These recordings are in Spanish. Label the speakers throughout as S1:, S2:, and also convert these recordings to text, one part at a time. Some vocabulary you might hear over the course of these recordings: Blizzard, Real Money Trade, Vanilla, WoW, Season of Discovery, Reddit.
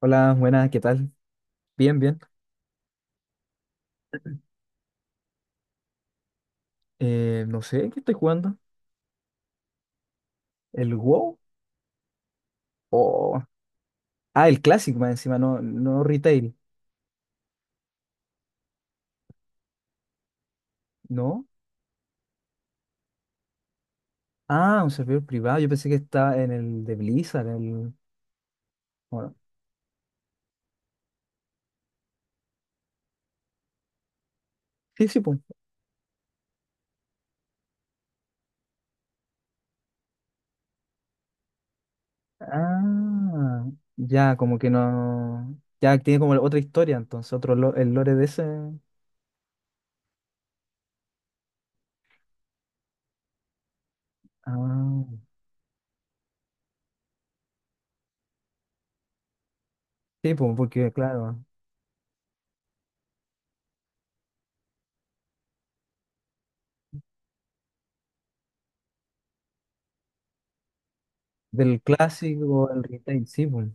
S1: Hola, buenas, ¿qué tal? Bien, bien. No sé, ¿qué estoy jugando? ¿El WoW? O... Ah, el clásico más encima, no, no retail, ¿no? Ah, un servidor privado, yo pensé que estaba en el de Blizzard, el. Bueno, sí, sí, pues. Ah, ya, como que no. Ya tiene como otra historia, entonces, otro el lore de ese. Ah, sí, pues, porque claro, del clásico al retail, sí, pues.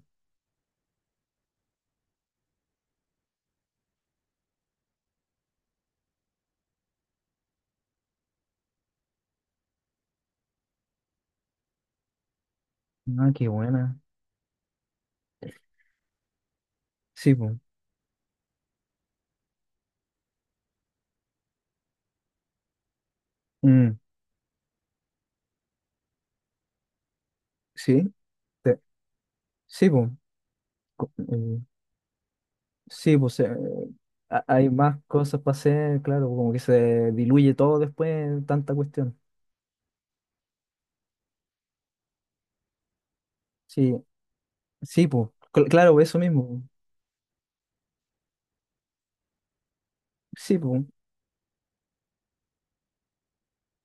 S1: Ah, qué buena. Sí, pues. Mm, sí, te- sí, pues. Sí, pues hay más cosas para hacer, claro, como que se diluye todo después en tanta cuestión. Sí, sí, pues, claro, pues, eso mismo, pues. Sí, pues.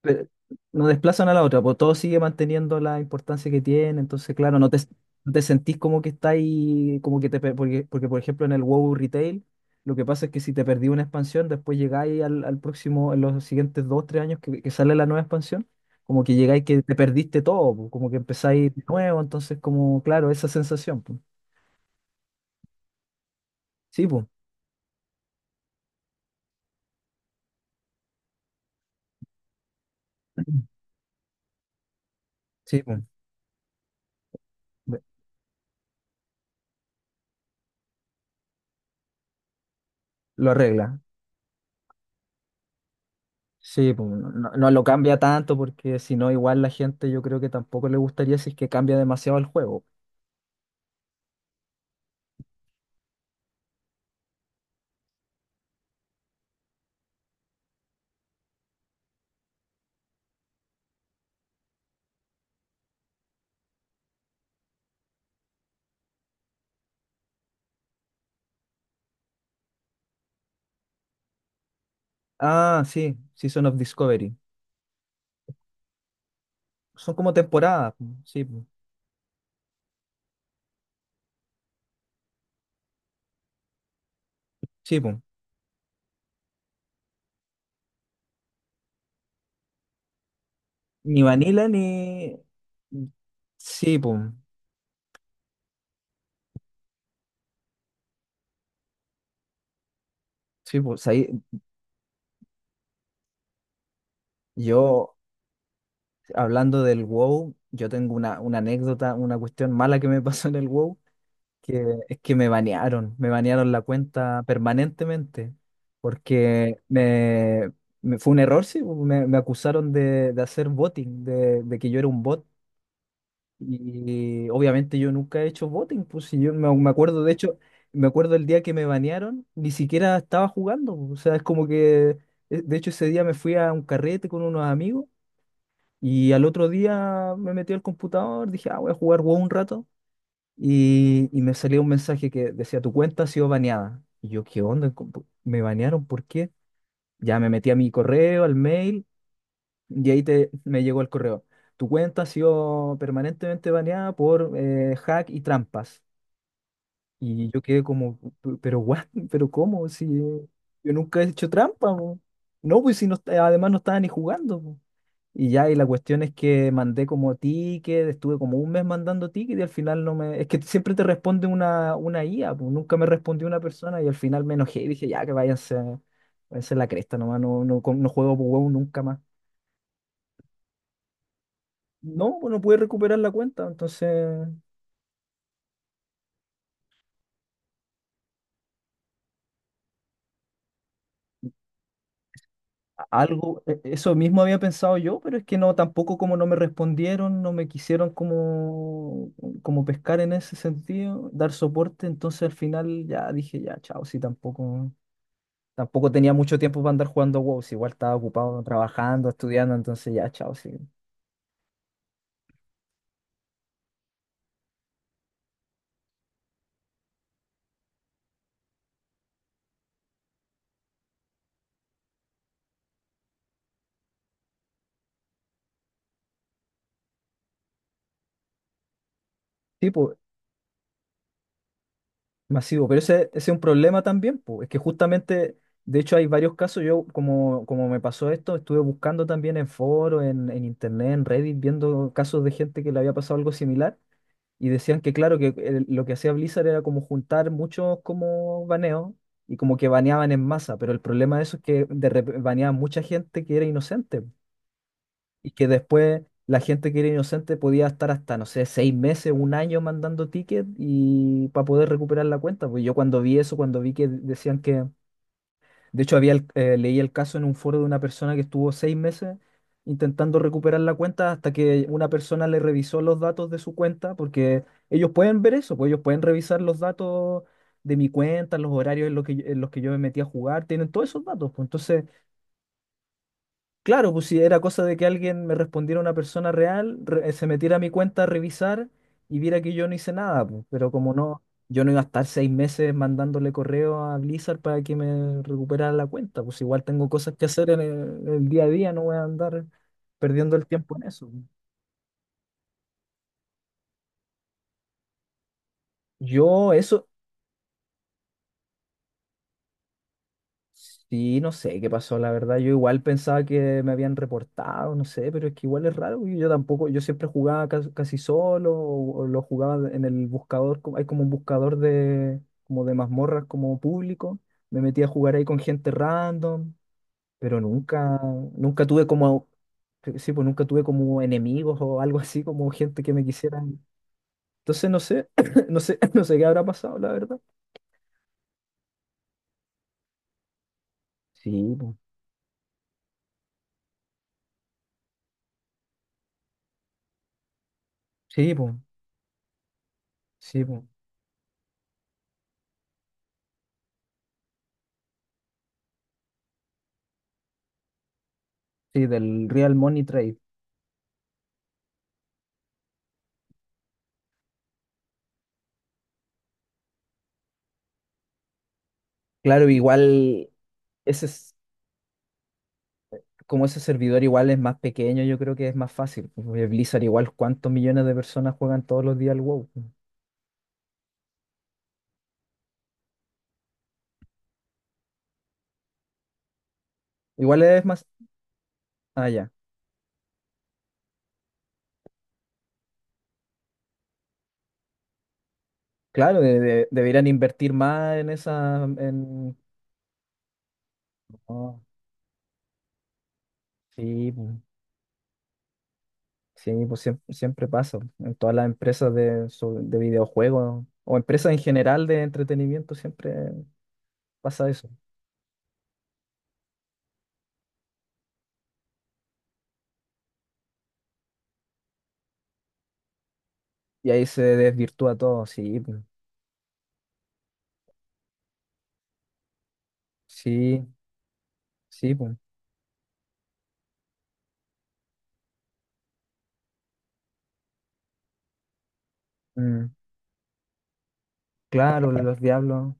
S1: Pero no desplazan a la otra, pues todo sigue manteniendo la importancia que tiene, entonces claro, no te, sentís como que está ahí, como que te, porque por ejemplo en el WoW Retail, lo que pasa es que si te perdí una expansión, después llegáis al próximo, en los siguientes 2, 3 años que sale la nueva expansión, como que llegáis que te perdiste todo, pues, como que empezáis de nuevo, entonces como, claro, esa sensación, pues. Sí, pues, sí, pues, lo arregla. Sí, pues, no, no lo cambia tanto porque si no, igual la gente yo creo que tampoco le gustaría si es que cambia demasiado el juego. Ah, sí, Season of Discovery. Son como temporadas, pues, sí, pues, sí, pues. Ni Vanilla ni. Sí, pues, sí, pues. Ahí, yo, hablando del WoW, yo tengo una, anécdota, una cuestión mala que me pasó en el WoW. Que, es que me banearon la cuenta permanentemente, porque fue un error, sí, pues, me acusaron de, hacer botting, de que yo era un bot, y obviamente yo nunca he hecho botting, pues si yo me acuerdo, de hecho, me acuerdo el día que me banearon, ni siquiera estaba jugando, pues, o sea, es como que, de hecho ese día me fui a un carrete con unos amigos, y al otro día me metí al computador, dije, ah, voy a jugar WoW un rato. Y me salió un mensaje que decía, tu cuenta ha sido baneada. Y yo, ¿qué onda? ¿Me banearon? ¿Por qué? Ya me metí a mi correo, al mail, y ahí me llegó el correo. Tu cuenta ha sido permanentemente baneada por hack y trampas. Y yo quedé como, pero what, pero ¿cómo? Si yo nunca he hecho trampa, po". No, pues si no, además no estaba ni jugando. Y ya, y la cuestión es que mandé como ticket, estuve como un mes mandando ticket y al final no me. Es que siempre te responde una, IA, pues nunca me respondió una persona y al final me enojé y dije, ya, que váyanse, váyanse a la cresta nomás, no, no, no juego por huevo nunca más. No, pues no pude recuperar la cuenta, entonces algo, eso mismo había pensado yo, pero es que no, tampoco como no me respondieron, no me quisieron como, pescar en ese sentido, dar soporte, entonces al final ya dije, ya, chao, si tampoco. Tampoco tenía mucho tiempo para andar jugando WoW, si igual estaba ocupado trabajando, estudiando, entonces ya, chao, sí. Sí, pues, masivo. Pero ese, es un problema también, pues. Es que justamente, de hecho, hay varios casos. Yo, como, me pasó esto, estuve buscando también en foros, en internet, en Reddit, viendo casos de gente que le había pasado algo similar. Y decían que, claro, que lo que hacía Blizzard era como juntar muchos como baneos y como que baneaban en masa. Pero el problema de eso es que baneaban mucha gente que era inocente. Y que después la gente que era inocente podía estar hasta, no sé, 6 meses, un año mandando ticket y para poder recuperar la cuenta. Pues yo cuando vi eso, cuando vi que decían que, de hecho, leí el caso en un foro de una persona que estuvo 6 meses intentando recuperar la cuenta hasta que una persona le revisó los datos de su cuenta, porque ellos pueden ver eso, pues ellos pueden revisar los datos de mi cuenta, los horarios en los que yo me metí a jugar, tienen todos esos datos. Pues entonces. Claro, pues si era cosa de que alguien me respondiera una persona real, se metiera a mi cuenta a revisar y viera que yo no hice nada, pues. Pero como no, yo no iba a estar 6 meses mandándole correo a Blizzard para que me recuperara la cuenta, pues igual tengo cosas que hacer en el día a día, no voy a andar perdiendo el tiempo en eso, pues. Yo eso, Sí, no sé qué pasó, la verdad. Yo igual pensaba que me habían reportado, no sé, pero es que igual es raro. Yo tampoco, yo siempre jugaba casi solo o lo jugaba en el buscador. Hay como un buscador de, como de mazmorras como público. Me metía a jugar ahí con gente random, pero nunca, tuve como, sí, pues nunca tuve como enemigos o algo así, como gente que me quisieran. Entonces no sé, no sé, no sé qué habrá pasado, la verdad. Sí, pues, sí, pues, sí, pues, sí, del Real Money Trade. Claro, igual ese es- como ese servidor igual es más pequeño, yo creo que es más fácil, pues. Porque Blizzard igual cuántos millones de personas juegan todos los días al WoW. Igual es más. Ah, ya. Claro, deberían invertir más en esa. En. Oh, sí, pues, sí, pues siempre, pasa. En todas las empresas de, sobre- de videojuegos o empresas en general de entretenimiento siempre pasa eso. Y ahí se desvirtúa todo, sí, pues, sí, sí, pues. Mm, claro, los diablos.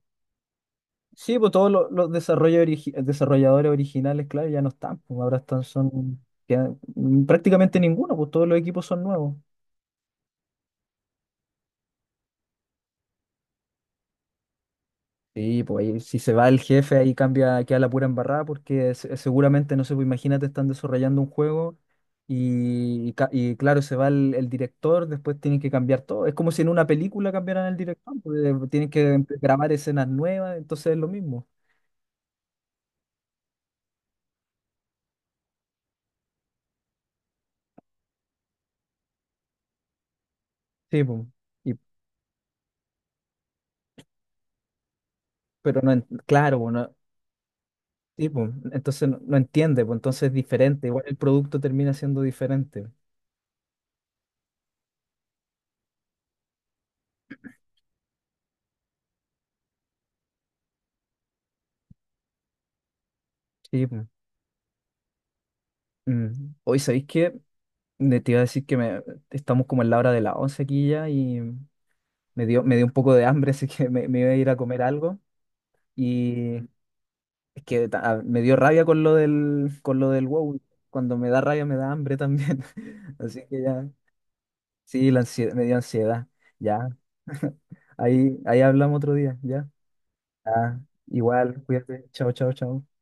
S1: Sí, pues todos los, desarrollo desarrolladores originales, claro, ya no están, pues ahora están, son prácticamente ninguno, pues todos los equipos son nuevos. Sí, pues ahí, si se va el jefe, ahí cambia, queda la pura embarrada, porque seguramente, no sé, pues imagínate, están desarrollando un juego y claro, se va el director, después tienen que cambiar todo. Es como si en una película cambiaran el director, pues, tienen que grabar escenas nuevas, entonces es lo mismo. Sí, pues. Y- pero no, claro, pues, no. Sí, pues, entonces no entiende, pues entonces es diferente, igual el producto termina siendo diferente. Sí, pues. Mm. Hoy, ¿sabéis qué? Te iba a decir que estamos como en la hora de las 11 aquí ya y me dio, un poco de hambre, así que me iba a ir a comer algo y es que ah, me dio rabia con lo del, WoW. Cuando me da rabia me da hambre también. Así que ya, sí, la ansiedad, me dio ansiedad. Ya, ahí, hablamos otro día, ya. Ah, igual, cuídate. Chao, chao, chao.